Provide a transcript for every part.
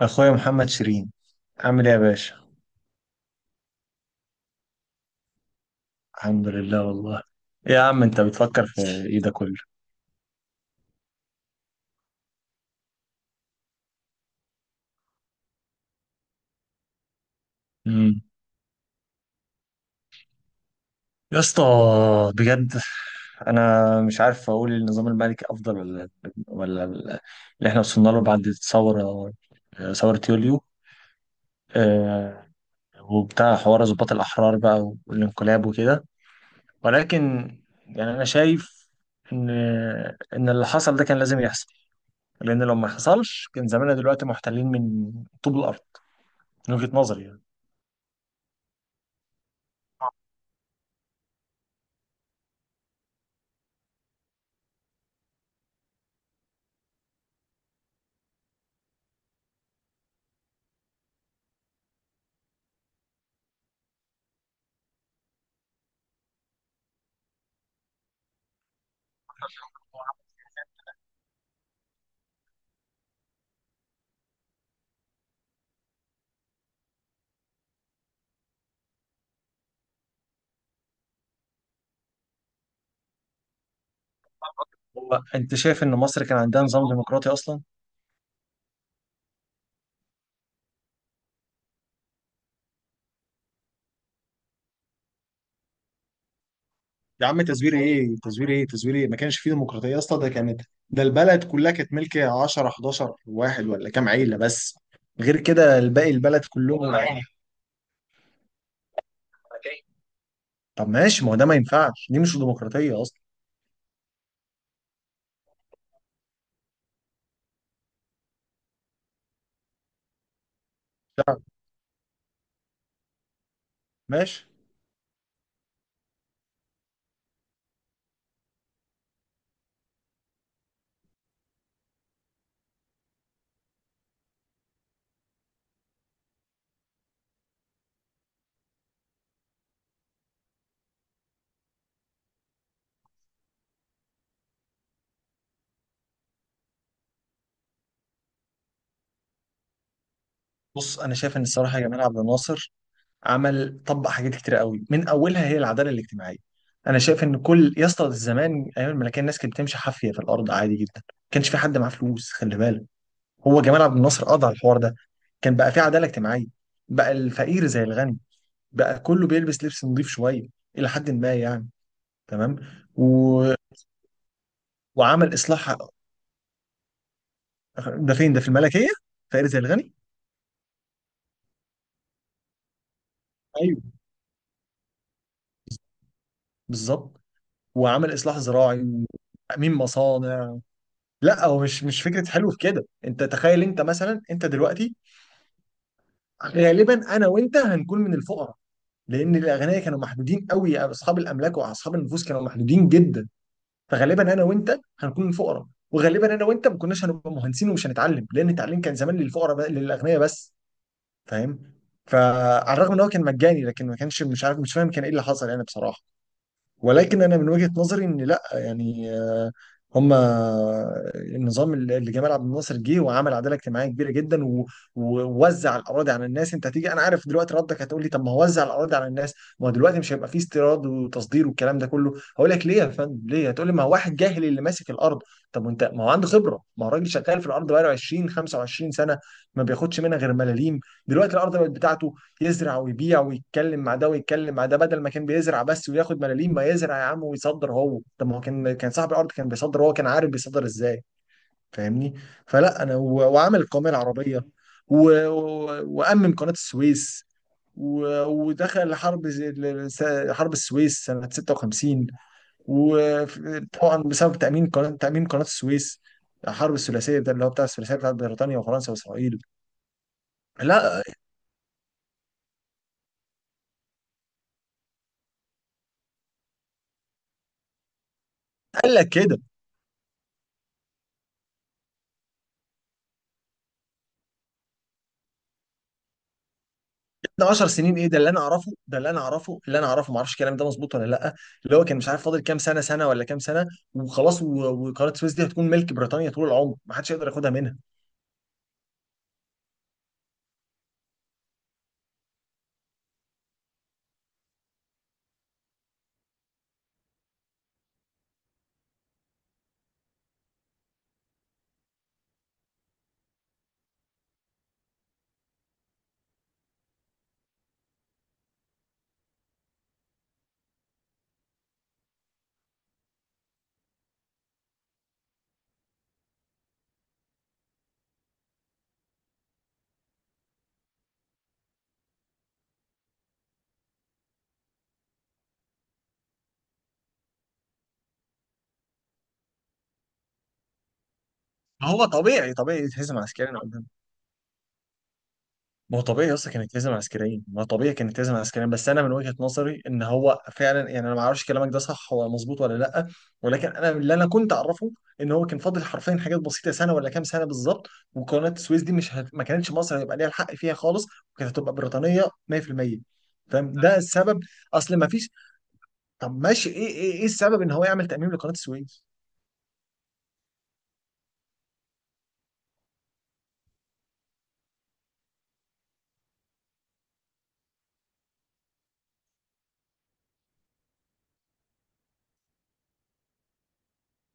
اخويا محمد شيرين، عامل ايه يا باشا؟ الحمد لله والله. إيه يا عم، انت بتفكر في ايه ده كله؟ امم يا اسطى، بجد، انا مش عارف اقول النظام الملكي افضل ولا اللي احنا وصلنا له بعد الثوره، ثوره يوليو، آه، وبتاع حوار ضباط الاحرار بقى والانقلاب وكده. ولكن يعني انا شايف ان ان اللي حصل ده كان لازم يحصل، لان لو ما حصلش كان زماننا دلوقتي محتلين من طوب الارض، من وجهه نظري يعني. هو انت شايف ان مصر كان عندها نظام ديمقراطي اصلا؟ يا عم، تزوير ايه؟ تزوير ايه؟ تزوير ايه؟ ما كانش فيه ديمقراطيه يا اسطى. ده البلد كلها كانت ملك 10 11 واحد ولا كام عيله بس، غير كده الباقي البلد كلهم عيله. طب ماشي، ما هو ده ما ينفعش، دي مش ديمقراطيه اصلا. ماشي. بص، انا شايف ان الصراحه جمال عبد الناصر عمل طبق حاجات كتير قوي، من اولها هي العداله الاجتماعيه. انا شايف ان كل، يا اسطى، زمان ايام الملكيه الناس كانت بتمشي حافيه في الارض عادي جدا، ما كانش في حد معاه فلوس، خلي بالك. هو جمال عبد الناصر قضى على الحوار ده، كان بقى في عداله اجتماعيه، بقى الفقير زي الغني، بقى كله بيلبس لبس نظيف شويه، الى حد ما يعني. تمام. و... وعمل اصلاح. ده فين؟ ده في الملكيه فقير زي الغني؟ ايوه، بالظبط. وعمل اصلاح زراعي وتامين مصانع. لا، هو مش فكره حلو في كده. انت تخيل، انت مثلا، انت دلوقتي غالبا انا وانت هنكون من الفقراء، لان الاغنياء كانوا محدودين قوي، اصحاب الاملاك واصحاب النفوس كانوا محدودين جدا. فغالبا انا وانت هنكون فقراء، وغالبا انا وانت ما كناش هنبقى مهندسين ومش هنتعلم، لان التعليم كان زمان للاغنياء بس. فاهم. فعلى الرغم ان هو كان مجاني لكن ما كانش، مش عارف، مش فاهم كان ايه اللي حصل يعني بصراحه. ولكن انا من وجهة نظري، ان لا يعني، هما النظام اللي جمال عبد الناصر جه وعمل عداله اجتماعيه كبيره جدا ووزع الاراضي على الناس. انت هتيجي، انا عارف دلوقتي ردك، هتقول لي طب ما هو وزع الاراضي على الناس، ما هو دلوقتي مش هيبقى فيه استيراد وتصدير والكلام ده كله. هقول لك ليه يا فندم. ليه؟ هتقول لي ما هو واحد جاهل اللي ماسك الارض. طب وانت ما هو عنده خبره، ما هو راجل شغال في الارض بقاله 20 25 سنه، ما بياخدش منها غير ملاليم. دلوقتي الارض بقت بتاعته، يزرع ويبيع ويتكلم مع ده ويتكلم مع ده، بدل ما كان بيزرع بس وياخد ملاليم. ما يزرع يا عم ويصدر هو. طب ما هو كان صاحب الارض كان بيصدر، هو كان عارف بيصدر ازاي. فاهمني. فلا، انا وعمل القوميه العربيه و... و... وامم قناه السويس و... ودخل حرب حرب السويس سنه 56. وطبعا بسبب تامين قناه السويس، الحرب الثلاثيه ده اللي هو بتاع الثلاثيه بتاعت بريطانيا وفرنسا واسرائيل. لا، قال لك كده. ده 10 سنين ايه؟ ده اللي انا اعرفه، اللي انا اعرفه، ما اعرفش الكلام ده مظبوط ولا لا. اللي هو كان مش عارف فاضل كام سنه ولا كام سنه، وخلاص. وقناه السويس دي هتكون ملك بريطانيا طول العمر، ما حدش يقدر ياخدها منها. هو طبيعي طبيعي يتهزم عسكريا. ما هو طبيعي اصلا كانت لازم عسكريين، ما هو طبيعي كانت لازم عسكريين. بس انا من وجهة نظري ان هو فعلا يعني، انا ما اعرفش كلامك ده صح ولا مظبوط ولا لا. ولكن انا كنت اعرفه ان هو كان فاضل حرفيا حاجات بسيطه، سنه ولا كام سنه بالظبط. وقناه السويس دي مش هت... ما كانتش مصر هيبقى ليها الحق فيها خالص، وكانت هتبقى بريطانيه 100%. فاهم ده السبب. اصل ما فيش. طب ماشي، ايه السبب ان هو يعمل تأميم لقناه السويس؟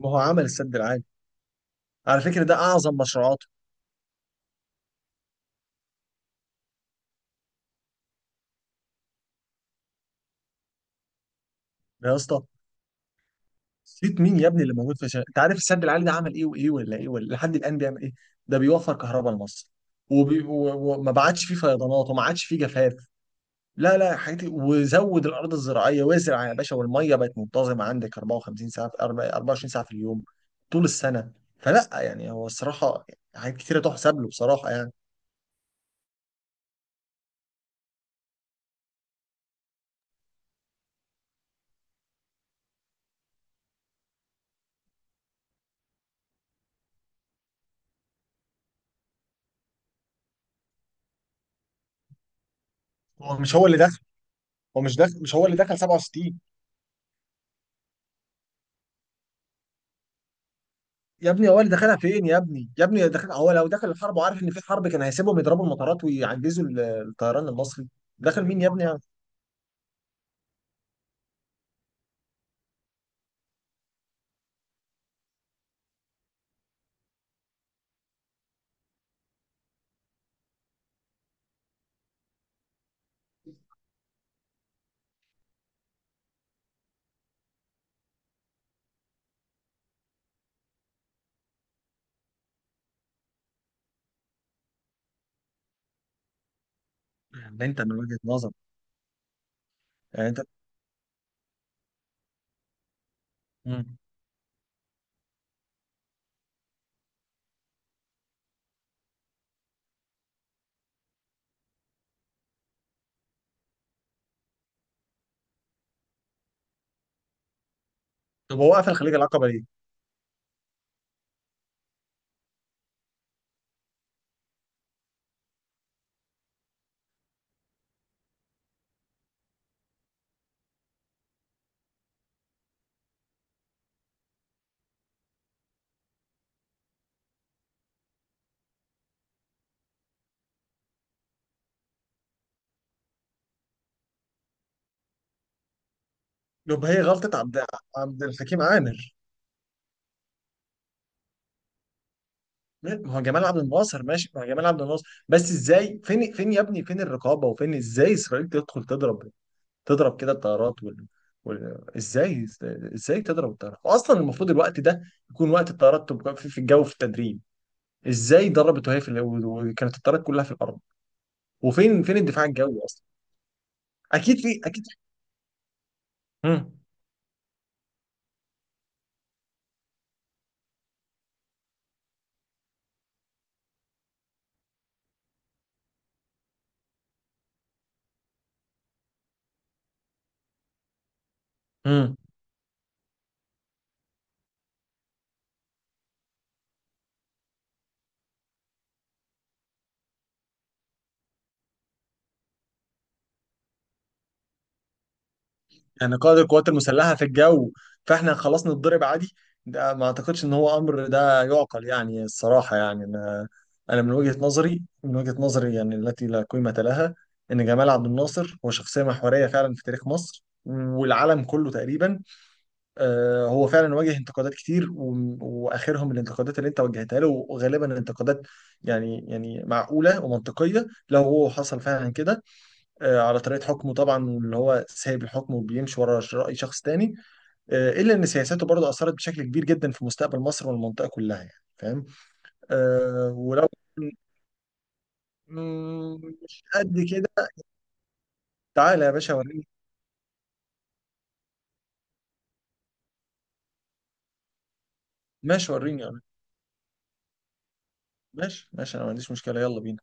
ما هو عمل السد العالي. على فكره ده اعظم مشروعاته. يا اسطى، نسيت مين يا ابني اللي موجود انت عارف السد العالي ده عمل ايه وايه ولا ايه ولا لحد الان بيعمل ايه؟ ده بيوفر كهرباء لمصر، وما بعتش فيه فيضانات وما عادش فيه جفاف. لا لا حياتي، وزود الارض الزراعيه وازرع يا باشا، والميه بقت منتظمه عندك 54 ساعه في أربع- 24 ساعه في اليوم طول السنه. فلا يعني هو الصراحه حاجات كتيره تحسب له بصراحه يعني. هو مش هو اللي دخل هو مش دخل مش هو اللي دخل 67. يا ابني هو اللي دخلها فين؟ يا ابني، يا ابني، دخل هو لو دخل الحرب وعارف ان في حرب كان هيسيبهم يضربوا المطارات ويعجزوا الطيران المصري. دخل مين يا ابني يعني انت من وجهة نظر يعني انت. مم. طب هو قفل خليج العقبة ليه؟ طب هي غلطة عبد الحكيم عامر. ما هو جمال عبد الناصر، ماشي، ما هو جمال عبد الناصر بس ازاي، فين يا ابني فين الرقابة؟ وفين ازاي اسرائيل تدخل تضرب، تضرب كده الطيارات وال... ازاي ازاي تضرب الطيارات، واصلا المفروض الوقت ده يكون وقت الطيارات تبقى في الجو في التدريب؟ ازاي ضربت وهي وكانت الطيارات كلها في الارض؟ وفين الدفاع الجوي اصلا؟ اكيد في اكيد. امم امم يعني قائد القوات المسلحه في الجو، فاحنا خلاص نتضرب عادي؟ ده ما اعتقدش ان هو امر ده يعقل يعني الصراحه يعني انا. انا من وجهه نظري يعني التي لا قيمه لها، ان جمال عبد الناصر هو شخصيه محوريه فعلا في تاريخ مصر والعالم كله تقريبا. هو فعلا واجه انتقادات كتير واخرهم الانتقادات اللي انت وجهتها له، وغالبا انتقادات يعني معقوله ومنطقيه لو هو حصل فعلا كده. على طريقه حكمه طبعا اللي هو سايب الحكم وبيمشي ورا راي شخص تاني. الا ان سياساته برضه اثرت بشكل كبير جدا في مستقبل مصر والمنطقه كلها يعني، فاهم؟ ولو مش قد كده. تعالى يا باشا وريني. ماشي، وريني أنا. ماشي ماشي، انا ما عنديش مشكله. يلا بينا.